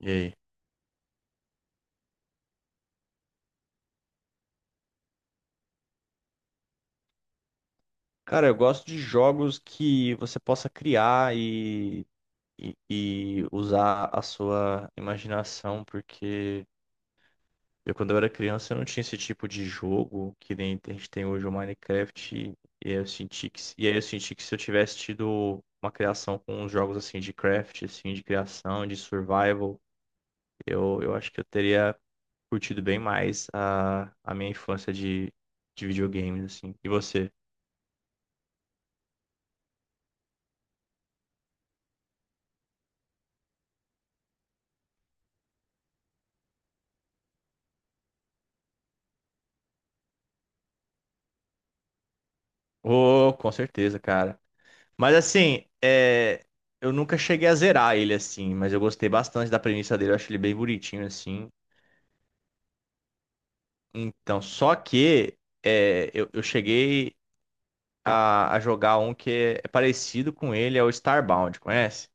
E aí? Cara, eu gosto de jogos que você possa criar e usar a sua imaginação, porque quando eu era criança, eu não tinha esse tipo de jogo que nem a gente tem hoje o Minecraft. E aí eu senti que se eu tivesse tido uma criação com uns jogos assim de craft, assim, de criação, de survival, eu acho que eu teria curtido bem mais a minha infância de videogames, assim. E você? Oh, com certeza, cara. Mas assim, eu nunca cheguei a zerar ele assim, mas eu gostei bastante da premissa dele, eu acho ele bem bonitinho assim. Então, só que eu cheguei a jogar um que é parecido com ele, é o Starbound, conhece?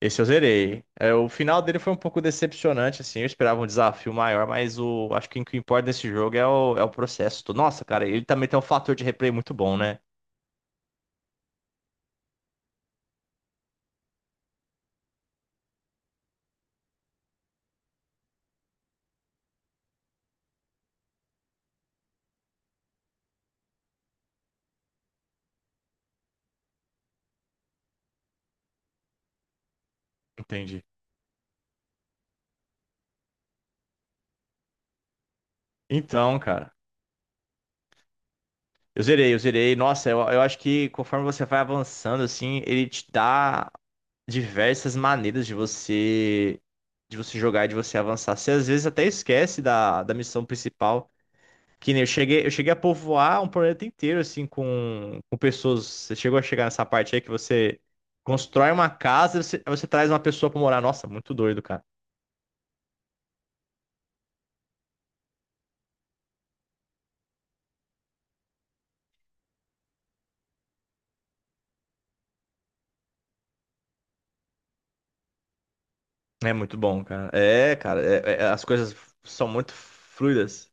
Esse eu zerei. É, o final dele foi um pouco decepcionante, assim, eu esperava um desafio maior, mas acho que o que importa nesse jogo é é o processo. Nossa, cara, ele também tem um fator de replay muito bom, né? Entendi. Então, cara. Eu zerei. Nossa, eu acho que conforme você vai avançando, assim, ele te dá diversas maneiras de você jogar e de você avançar. Você às vezes até esquece da, da missão principal. Que nem eu cheguei, eu cheguei a povoar um planeta inteiro, assim, com pessoas. Você chegou a chegar nessa parte aí que você constrói uma casa, você traz uma pessoa pra morar. Nossa, muito doido, cara. É muito bom, cara. É, cara, as coisas são muito fluidas.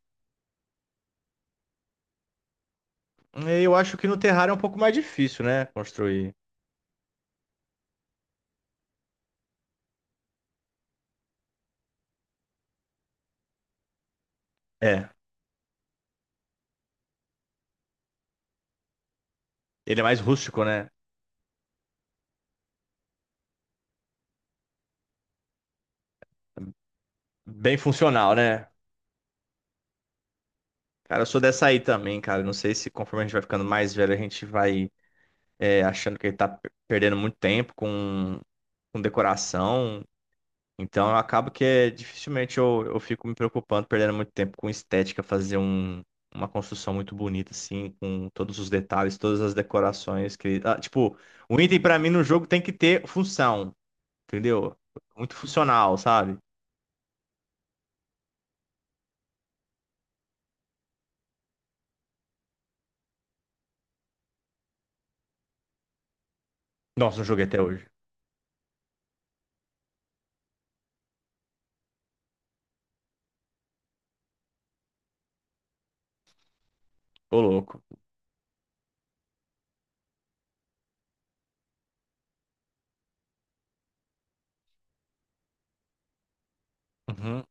Eu acho que no Terraria é um pouco mais difícil, né? Construir. É. Ele é mais rústico, né? Bem funcional, né? Cara, eu sou dessa aí também, cara. Não sei se conforme a gente vai ficando mais velho, a gente vai é, achando que ele tá per- perdendo muito tempo com decoração. Então, eu acabo que é, dificilmente eu fico me preocupando, perdendo muito tempo com estética, fazer um, uma construção muito bonita, assim, com todos os detalhes, todas as decorações que. Ah, tipo, o item pra mim no jogo tem que ter função. Entendeu? Muito funcional, sabe? Nossa, não joguei até hoje. Ô, louco. Uhum.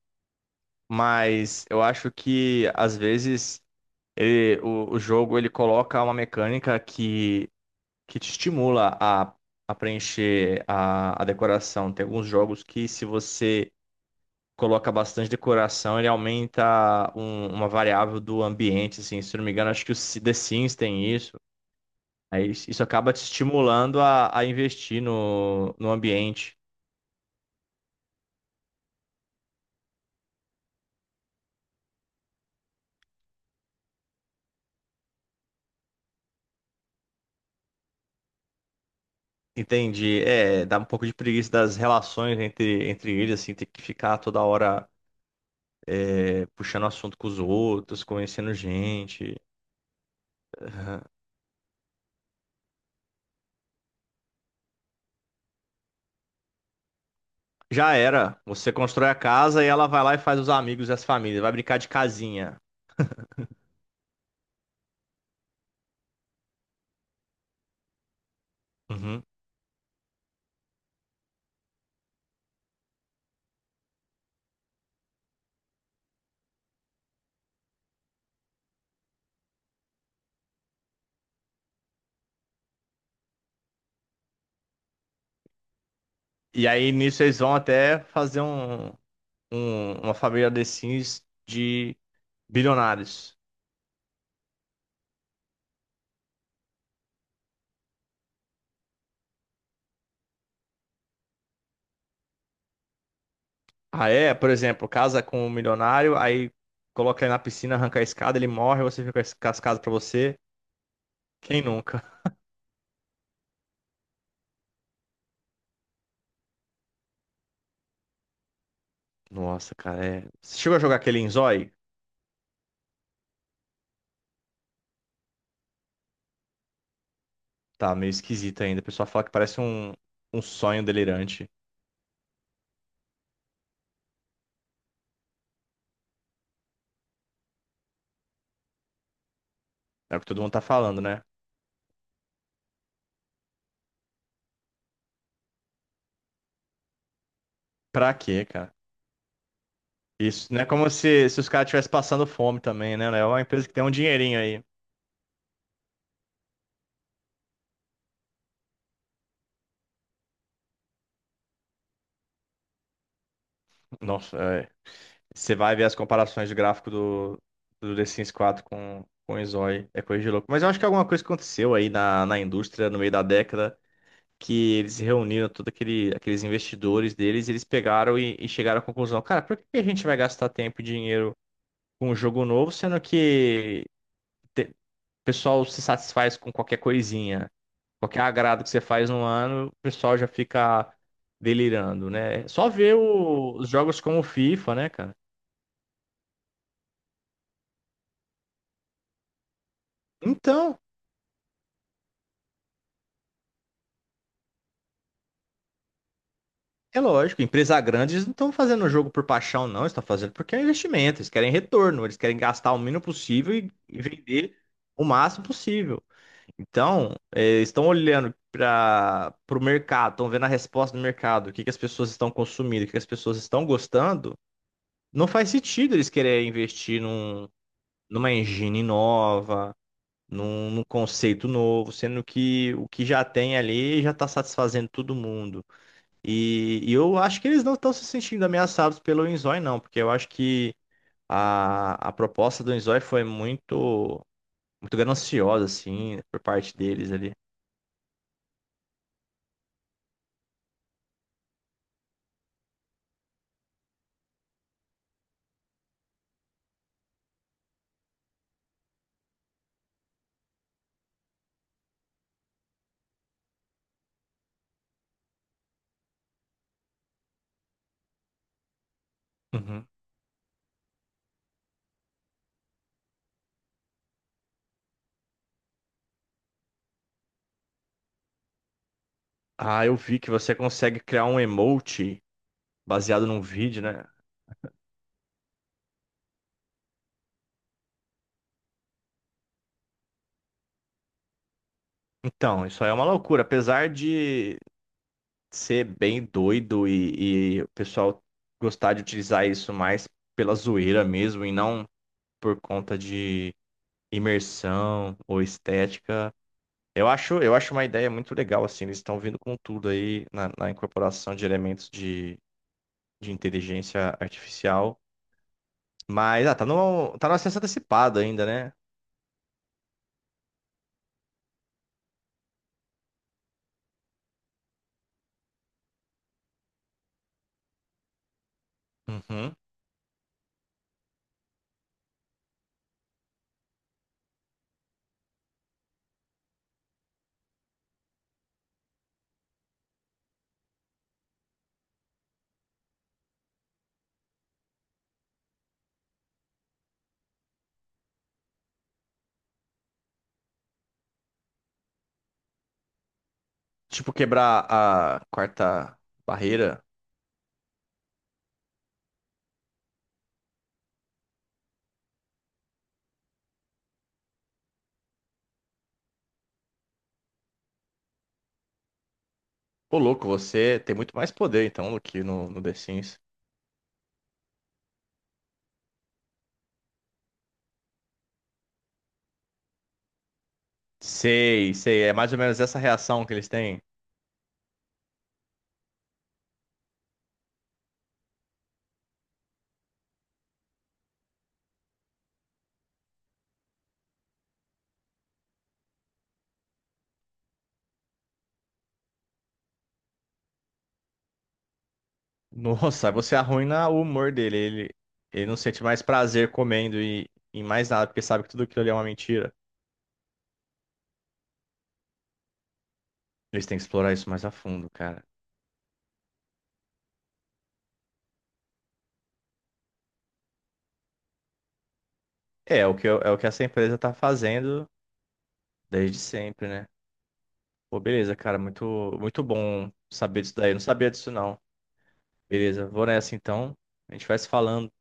Mas eu acho que às vezes o jogo ele coloca uma mecânica que te estimula a preencher a decoração. Tem alguns jogos que se você coloca bastante decoração, ele aumenta uma variável do ambiente, assim. Se eu não me engano, acho que The Sims tem isso. Aí isso acaba te estimulando a investir no, no ambiente. Entendi. É, dá um pouco de preguiça das relações entre, entre eles, assim, ter que ficar toda hora é, puxando assunto com os outros, conhecendo gente. Aham. Já era. Você constrói a casa e ela vai lá e faz os amigos e as famílias. Vai brincar de casinha. Uhum. E aí nisso eles vão até fazer um, uma família The Sims de bilionários. Ah, é? Por exemplo, casa com um milionário, aí coloca ele na piscina, arranca a escada, ele morre, você fica com as casas pra você. Quem nunca? Nossa, cara, é. Você chegou a jogar aquele Inzói? Tá meio esquisito ainda. O pessoal fala que parece um, um sonho delirante. É o que todo mundo tá falando, né? Pra quê, cara? Isso não é como se os caras estivessem passando fome também, né? É uma empresa que tem um dinheirinho aí. Nossa, é. Você vai ver as comparações de gráfico do, do The Sims 4 com o Inzói. É coisa de louco. Mas eu acho que alguma coisa aconteceu aí na, na indústria no meio da década, que eles reuniram todos aquele, aqueles investidores deles, e eles pegaram e chegaram à conclusão, cara, por que que a gente vai gastar tempo e dinheiro com um jogo novo, sendo que o pessoal se satisfaz com qualquer coisinha, qualquer agrado que você faz no ano, o pessoal já fica delirando, né? Só ver os jogos como o FIFA, né, cara? Então, é lógico, empresa grande, eles não estão fazendo o jogo por paixão, não, eles estão fazendo porque é um investimento, eles querem retorno, eles querem gastar o mínimo possível e vender o máximo possível. Então, estão olhando para o mercado, estão vendo a resposta do mercado, o que que as pessoas estão consumindo, o que que as pessoas estão gostando. Não faz sentido eles quererem investir num, numa engine nova, num, num conceito novo, sendo que o que já tem ali já está satisfazendo todo mundo. E eu acho que eles não estão se sentindo ameaçados pelo Inzói, não, porque eu acho que a proposta do Inzói foi muito, muito gananciosa, assim, por parte deles ali. Uhum. Ah, eu vi que você consegue criar um emote baseado num vídeo, né? Então, isso aí é uma loucura. Apesar de ser bem doido e o pessoal gostar de utilizar isso mais pela zoeira mesmo e não por conta de imersão ou estética, eu acho uma ideia muito legal, assim. Eles estão vindo com tudo aí na, na incorporação de elementos de inteligência artificial. Mas, ah, tá no, tá no acesso antecipado ainda, né? Uhum. Tipo, quebrar a quarta barreira. Ô, louco, você tem muito mais poder, então, do que no, no The Sims. Sei, sei. É mais ou menos essa reação que eles têm. Nossa, você arruina o humor dele. Ele não sente mais prazer comendo e em mais nada, porque sabe que tudo aquilo ali é uma mentira. Eles têm que explorar isso mais a fundo, cara. É, é o que, é o que essa empresa tá fazendo desde sempre, né? Pô, beleza, cara. Muito, muito bom saber disso daí. Eu não sabia disso, não. Beleza, vou nessa então. A gente vai se falando.